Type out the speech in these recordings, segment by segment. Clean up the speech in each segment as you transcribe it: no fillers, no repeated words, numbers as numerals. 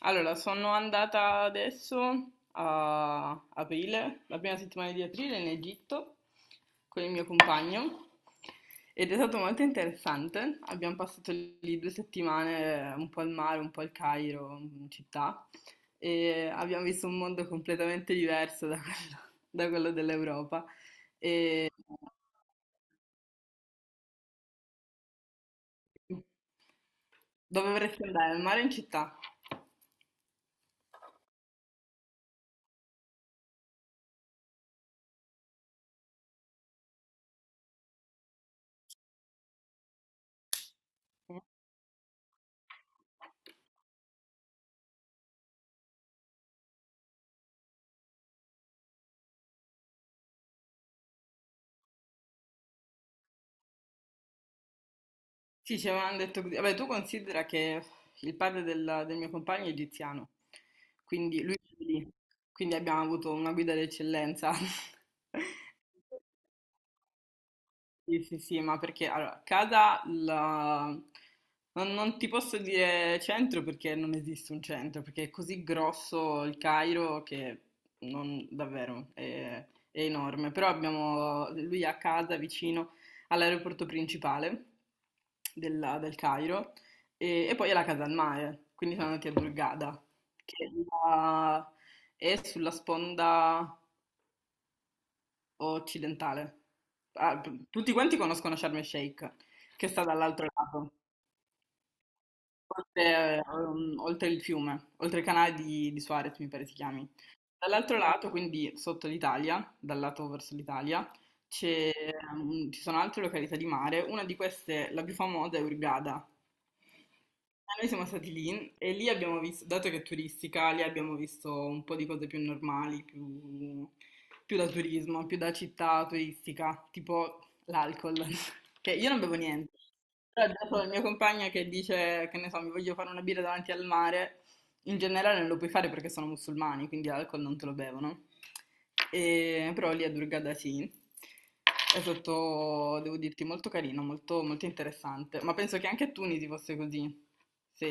Allora, sono andata adesso a aprile, la prima settimana di aprile in Egitto con il mio compagno ed è stato molto interessante. Abbiamo passato lì 2 settimane un po' al mare, un po' al Cairo, in città, e abbiamo visto un mondo completamente diverso da quello dell'Europa. E... Dove vorresti andare? Al mare o in città? Sì, ci avevano detto così. Vabbè, tu considera che il padre del mio compagno è egiziano, quindi lui è lì, quindi abbiamo avuto una guida d'eccellenza. Sì, sì, sì, ma perché allora, non ti posso dire centro perché non esiste un centro, perché è così grosso il Cairo che non, davvero è enorme. Però abbiamo lui a casa vicino all'aeroporto principale del Cairo e poi è la casa al mare, quindi siamo andati a Hurghada, che è la- è sulla sponda occidentale. Ah, tutti quanti conoscono Sharm el Sheikh, che sta dall'altro lato. Oltre il fiume, oltre il canale di Suarez, mi pare si chiami. Dall'altro lato, quindi sotto l'Italia, dal lato verso l'Italia, ci sono altre località di mare. Una di queste, la più famosa, è Hurghada. Noi siamo stati lì e lì abbiamo visto, dato che è turistica, lì abbiamo visto un po' di cose più normali, più da turismo, più da città turistica, tipo l'alcol, che io non bevo niente. Però dopo il mio compagno che dice, che ne so, mi voglio fare una birra davanti al mare, in generale non lo puoi fare perché sono musulmani, quindi l'alcol non te lo bevono. Però lì a Durgada sì, è sotto, devo dirti, molto carino, molto, molto interessante. Ma penso che anche a Tunisi fosse così. Se,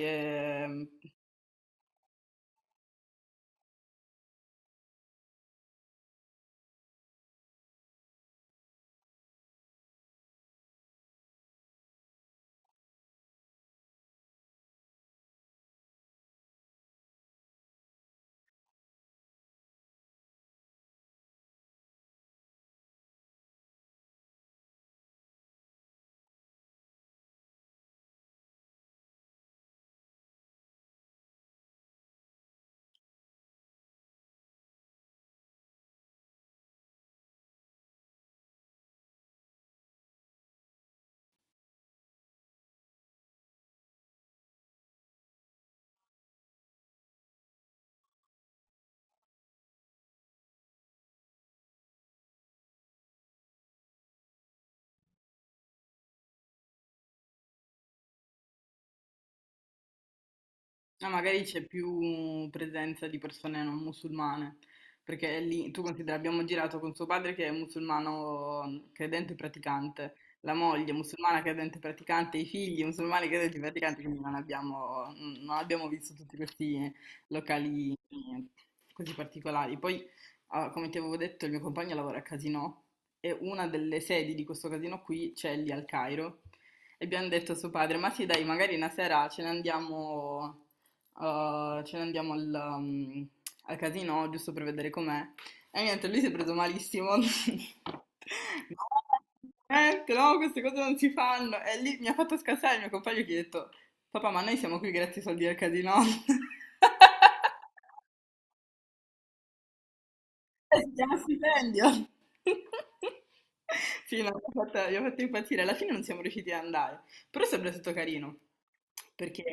Ah, magari c'è più presenza di persone non musulmane, perché lì tu considera, abbiamo girato con suo padre che è musulmano, credente e praticante, la moglie musulmana credente e praticante, i figli musulmani credenti e praticanti, quindi non abbiamo visto tutti questi locali, così particolari. Poi, come ti avevo detto, il mio compagno lavora a Casinò e una delle sedi di questo casino qui c'è lì al Cairo. E abbiamo detto a suo padre, ma sì dai, magari una sera ce ne andiamo al casino giusto per vedere com'è. E niente, lui si è preso malissimo. No, niente, no, queste cose non si fanno. E lì mi ha fatto scassare il mio compagno che gli ha detto, papà, ma noi siamo qui grazie ai soldi del casino. Si chiama stipendio. Sì, no, mi ha fatto impazzire. Alla fine non siamo riusciti ad andare, però è sempre stato carino, perché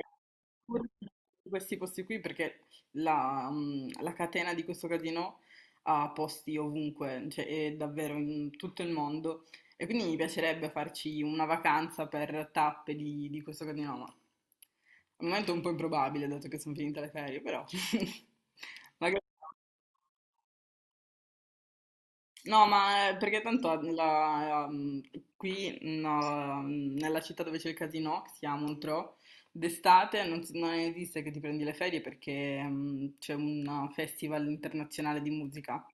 pur in questi posti qui, perché la catena di questo casino ha posti ovunque, cioè è davvero in tutto il mondo, e quindi mi piacerebbe farci una vacanza per tappe di questo casino, ma al momento è un po' improbabile, dato che sono finite le ferie, però magari. No, ma perché tanto qui no, nella città dove c'è il casino, che si chiama Montreux, d'estate non esiste che ti prendi le ferie perché c'è un festival internazionale di musica,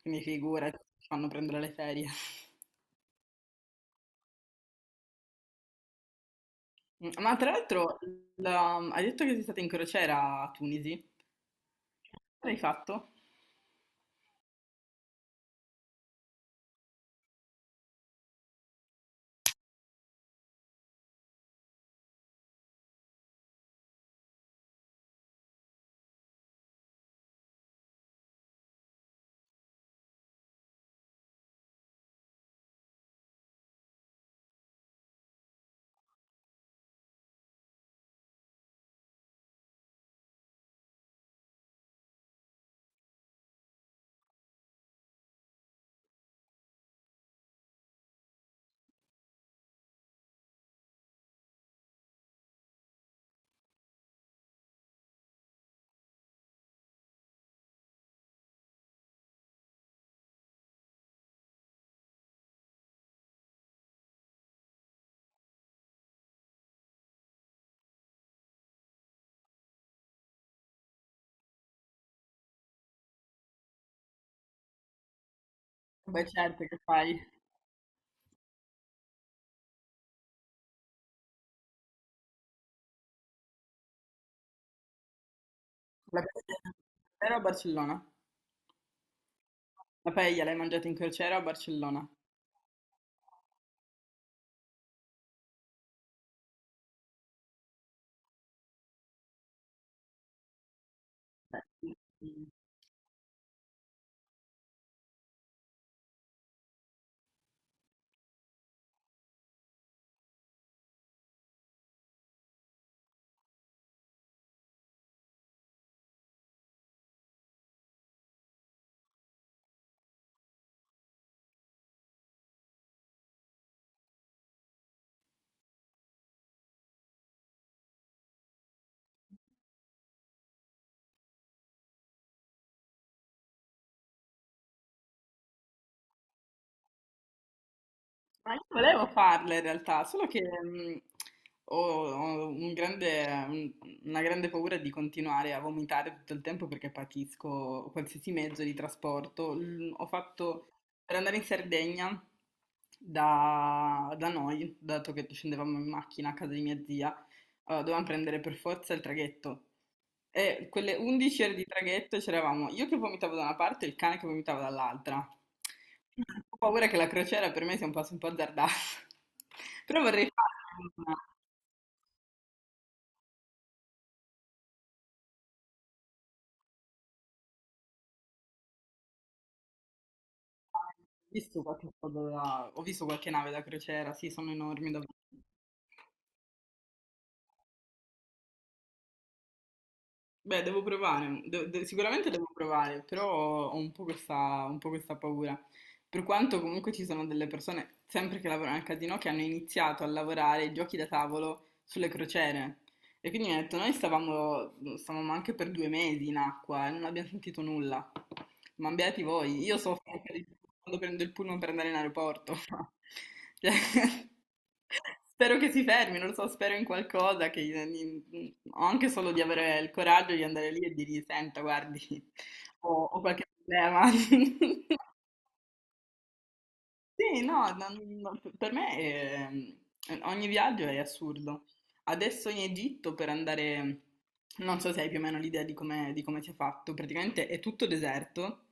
quindi figura, ti fanno prendere le ferie. Ma tra l'altro, hai detto che sei stata in crociera a Tunisi, cosa hai fatto? Beh, certo che fai. La paella in crociera o a Barcellona? La paella l'hai mangiata in crociera o a Barcellona? Beh, sì. Ma io volevo farle in realtà, solo che ho, ho una grande paura di continuare a vomitare tutto il tempo perché patisco qualsiasi mezzo di trasporto. Ho fatto per andare in Sardegna da noi, dato che scendevamo in macchina a casa di mia zia, allora, dovevamo prendere per forza il traghetto. E quelle 11 ore di traghetto c'eravamo io che vomitavo da una parte e il cane che vomitava dall'altra. Ho paura che la crociera per me sia un passo un po' azzardato. Però vorrei farne una. Ho visto qualche nave da crociera, sì, sono enormi davvero. Beh, devo provare, sicuramente devo provare, però ho un po' questa paura. Per quanto comunque ci sono delle persone, sempre che lavorano al casino, che hanno iniziato a lavorare ai giochi da tavolo sulle crociere. E quindi mi ha detto, noi stavamo anche per 2 mesi in acqua e non abbiamo sentito nulla. Ma beati voi, io soffro ancora di più quando prendo il pullman per andare in aeroporto. Cioè, spero che si fermi, non lo so, spero in qualcosa, o anche solo di avere il coraggio di andare lì e dirgli, senta, guardi, ho qualche problema. Sì, no, no, no, per me ogni viaggio è assurdo. Adesso in Egitto per andare, non so se hai più o meno l'idea di come, sia fatto, praticamente è tutto deserto,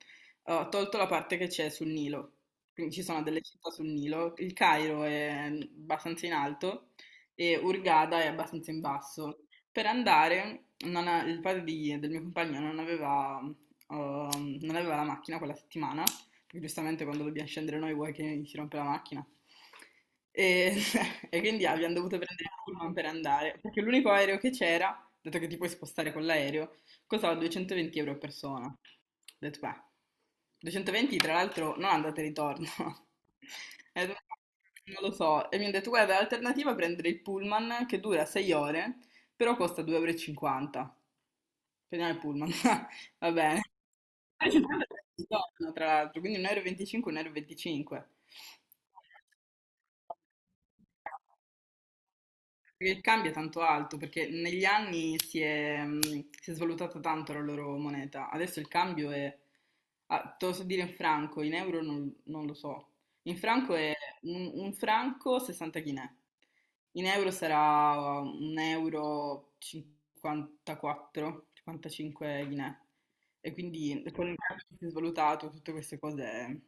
ho tolto la parte che c'è sul Nilo, quindi ci sono delle città sul Nilo, il Cairo è abbastanza in alto e Hurghada è abbastanza in basso. Per andare, non ha- il padre del mio compagno non aveva la macchina quella settimana perché giustamente quando dobbiamo scendere noi vuoi che si rompe la macchina. E, e quindi abbiamo dovuto prendere il pullman per andare, perché l'unico aereo che c'era, dato che ti puoi spostare con l'aereo, costava 220 euro a persona. Ho detto, beh, 220 tra l'altro non andate e ritorno. E ho detto, "No, non lo so. E mi hanno detto, guarda, l'alternativa è prendere il pullman che dura 6 ore, però costa 2,50 euro e cinquanta. Prendiamo il pullman, va bene. 1,50 euro, tra l'altro, quindi 1,25 euro, 1,25 euro e venticinque. Perché il cambio è tanto alto, perché negli anni si è svalutata tanto la loro moneta. Adesso il cambio è, te lo so dire in franco, in euro non lo so. In franco è un franco 60 chinè. In euro sarà un euro 54, 55 Guinè. E quindi con il cambio che si è svalutato, tutte queste cose,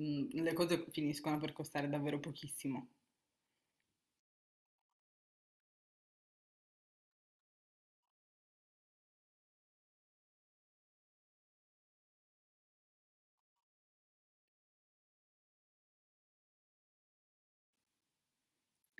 le cose finiscono per costare davvero pochissimo.